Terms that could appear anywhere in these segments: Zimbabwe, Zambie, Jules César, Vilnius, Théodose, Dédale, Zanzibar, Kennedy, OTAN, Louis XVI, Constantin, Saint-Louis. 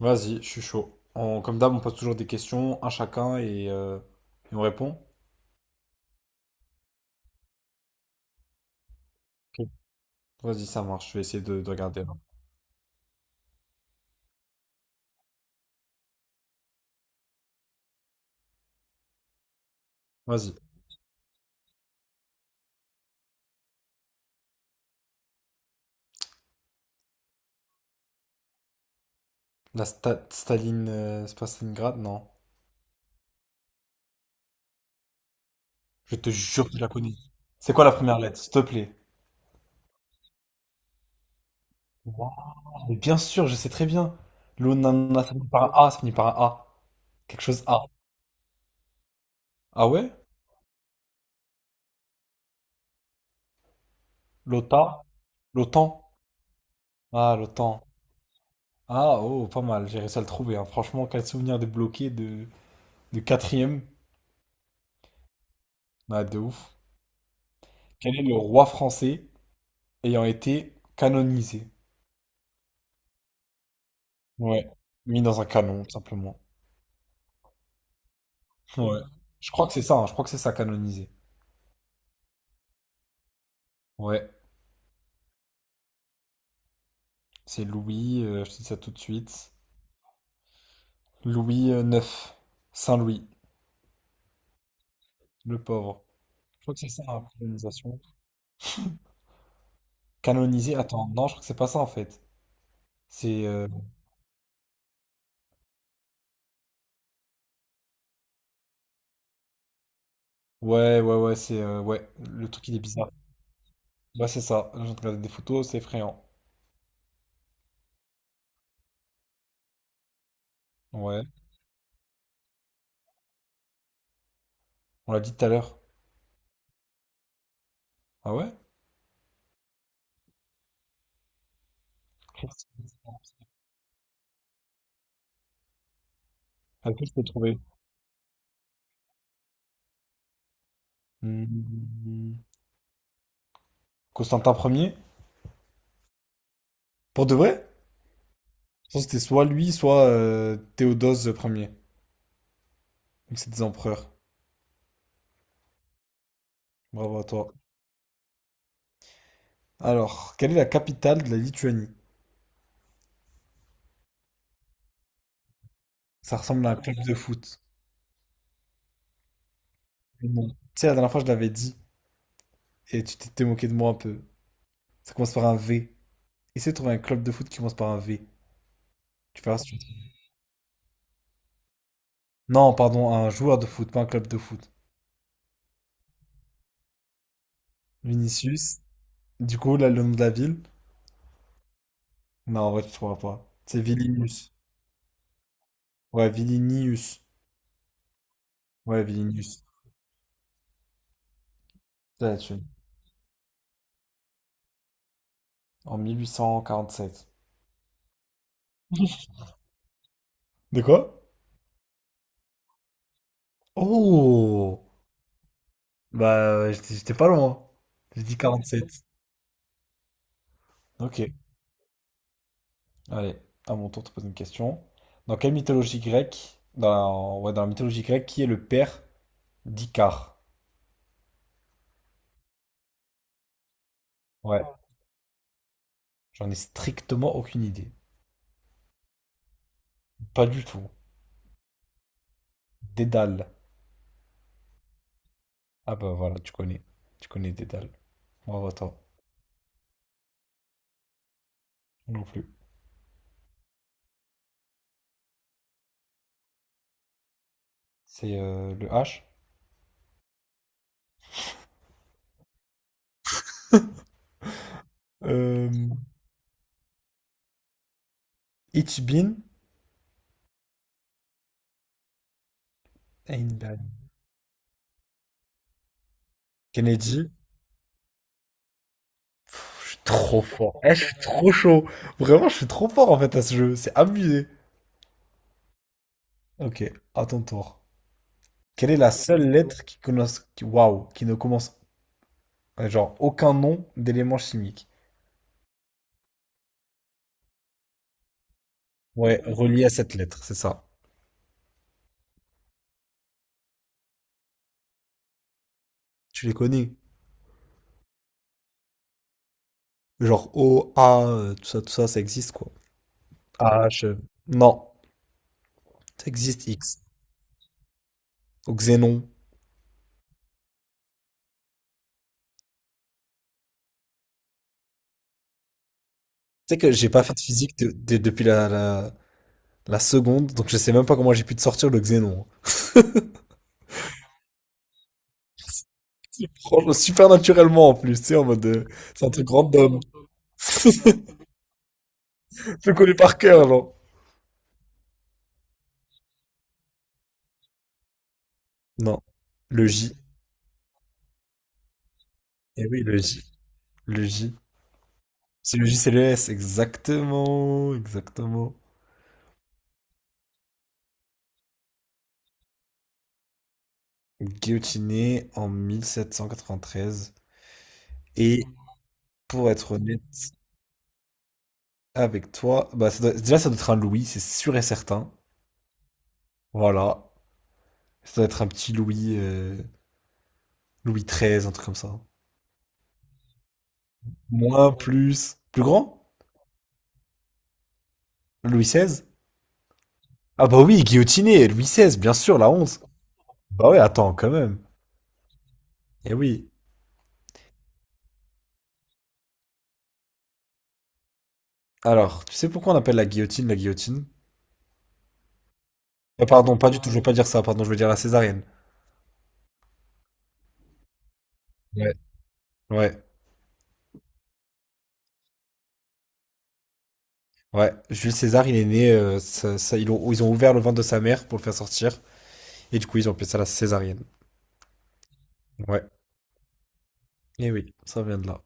Vas-y, je suis chaud. Comme d'hab, on pose toujours des questions, un chacun, et on répond. Ok. Vas-y, ça marche. Je vais essayer de regarder là. Vas-y. Staline, c'est pas Stalingrad, non. Je te jure que je la connais. C'est quoi la première lettre, s'il te plaît? Wow, mais bien sûr, je sais très bien. L'ONANA, ça finit par un A, ça finit par un A. Quelque chose A. Ah ouais? L'OTA? L'OTAN? Ah, l'OTAN. Ah, oh, pas mal, j'ai réussi à le trouver, hein. Franchement, quel souvenir débloqué de quatrième. Ah, de ouf. Quel est le roi français ayant été canonisé? Ouais, mis dans un canon, tout simplement. Ouais. Je crois que c'est ça, hein, je crois que c'est ça, canonisé. Ouais, c'est Louis, je te dis ça tout de suite. Louis, IX, Saint-Louis, le pauvre. Je crois que c'est ça, hein, canonisation. Canonisé, attends, non, je crois que c'est pas ça en fait. C'est. Ouais, ouais, ouais. c'est. Ouais, le truc il est bizarre. Ouais, c'est ça. J'ai regardé des photos, c'est effrayant. Ouais, on l'a dit tout à l'heure. Ah ouais? Christ. Ah, ok, je peux le trouver. Hmm. Constantin Ier. Pour de vrai? Je pense que c'était soit lui, soit Théodose Ier. Donc c'est des empereurs. Bravo à toi. Alors, quelle est la capitale de la Lituanie? Ça ressemble à un club de foot. Mais bon. Tu sais, la dernière fois, je l'avais dit et tu t'étais moqué de moi un peu. Ça commence par un V. Essaie de trouver un club de foot qui commence par un V. Tu verras si tu le trouves. Non, pardon, un joueur de foot, pas un club de foot. Vinicius. Du coup, là, le nom de la ville? Non, en vrai, tu trouveras pas. C'est Vilnius. Ouais, Vilnius. Ouais, Vilnius. Ça, tu- en 1847. De quoi? Oh! Bah, j'étais pas loin. J'ai dit 47. Ok, allez, à mon tour de te poser une question. Dans quelle mythologie grecque, dans, ouais, dans la mythologie grecque, qui est le père d'Icare? Ouais, j'en ai strictement aucune idée. Pas du tout. Dédale. Ah bah voilà, tu connais. Tu connais Dédale. Moi, attends, non plus. C'est le H. Euh, Ichibin Einban. Kennedy. Je suis trop fort. Eh, je suis trop chaud. Vraiment, je suis trop fort en fait à ce jeu. C'est abusé. Ok, à ton tour. Quelle est la seule lettre qui ne commence, genre, aucun nom d'élément chimique? Ouais, relié à cette lettre, c'est ça. Tu les connais? Genre O, A, tout ça, ça existe quoi. H. Non, ça existe X. Au xénon. Tu sais que j'ai pas fait de physique depuis la seconde, donc je sais même pas comment j'ai pu te sortir le xénon. Franchement, super naturellement en plus, tu sais, en mode, c'est un truc random. Je le connais par cœur, genre. Non. Le J. Eh oui, le J. Le J. C'est le J, c'est le S. Exactement. Exactement. Guillotiné en 1793. Et pour être honnête avec toi, bah, déjà, ça doit être un Louis, c'est sûr et certain. Voilà. Ça doit être un petit Louis, Louis XIII, un truc comme ça. Moins, plus. Plus grand? Louis XVI? Ah bah oui, guillotiné, Louis XVI, bien sûr, la honte. Bah ouais, attends, quand même. Eh oui. Alors, tu sais pourquoi on appelle la guillotine la guillotine? Ah, pardon, pas du tout, je veux pas dire ça, pardon, je veux dire la césarienne. Ouais. Ouais, ouais. Jules César, il est né, ils ont ouvert le ventre de sa mère pour le faire sortir, et du coup, ils ont appelé ça la césarienne. Ouais. Eh oui, ça vient de là.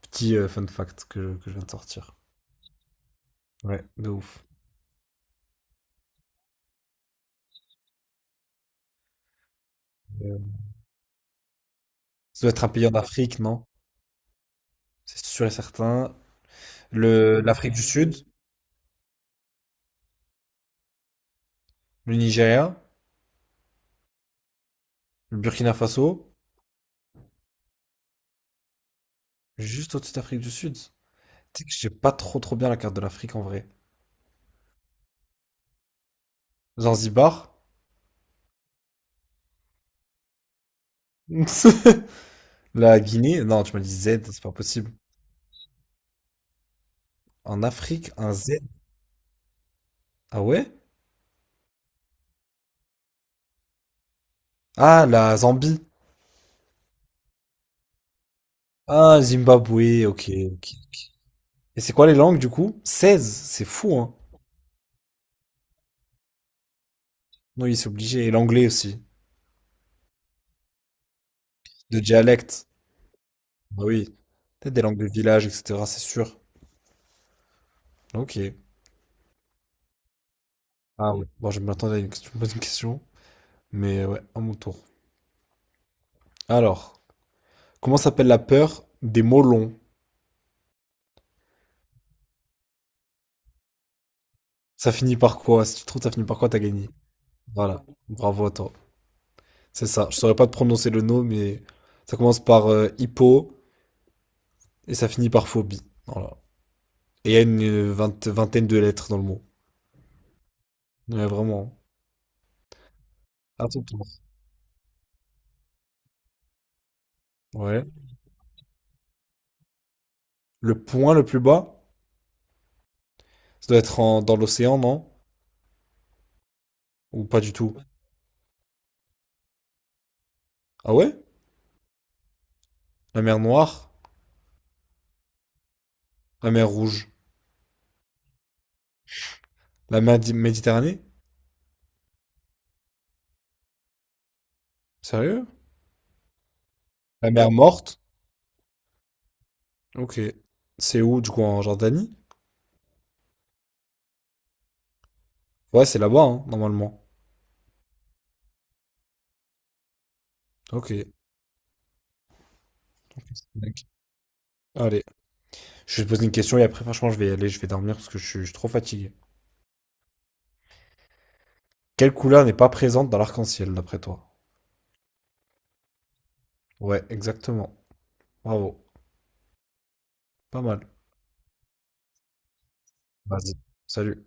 Petit fun fact que je viens de sortir. Ouais, de ouf. Euh, Ça doit être un pays en Afrique, non? C'est sûr et certain. L'Afrique du Sud, le Nigeria, le Burkina Faso. Juste au-dessus de l'Afrique du Sud. Tu sais que j'ai pas trop trop bien la carte de l'Afrique en vrai. Zanzibar, la Guinée, non, tu m'as dit Z, c'est pas possible. En Afrique, un Z. Ah ouais? Ah, la Zambie. Ah, Zimbabwe, ok, ok. Et c'est quoi les langues du coup? 16, c'est fou, hein. Non, oui, c'est obligé. Et l'anglais aussi, de dialecte. Bah oui, peut-être des langues de village, etc., c'est sûr. Ok. Ah ouais. Bon, je m'attendais à une question, bonne question. Mais ouais, à mon tour. Alors, comment s'appelle la peur des mots longs? Ça finit par quoi? Si tu trouves, ça finit par quoi? T'as gagné. Voilà. Bravo à toi. C'est ça. Je saurais pas te prononcer le nom, mais ça commence par hippo et ça finit par phobie. Voilà. Et il y a une vingtaine de lettres dans le mot. Ouais, vraiment. À ton tour. Ouais. Le point le plus bas, ça doit être dans l'océan, non? Ou pas du tout? Ah ouais? La mer Noire? La mer Rouge? La mer Méditerranée? Sérieux? La mer Morte? Ok. C'est où, du coup, en Jordanie? Ouais, c'est là-bas, hein, normalement. Ok. Ok. Allez, je vais te poser une question et après, franchement, je vais y aller, je vais dormir parce que je suis trop fatigué. Quelle couleur n'est pas présente dans l'arc-en-ciel, d'après toi? Ouais, exactement. Bravo. Pas mal. Vas-y. Salut.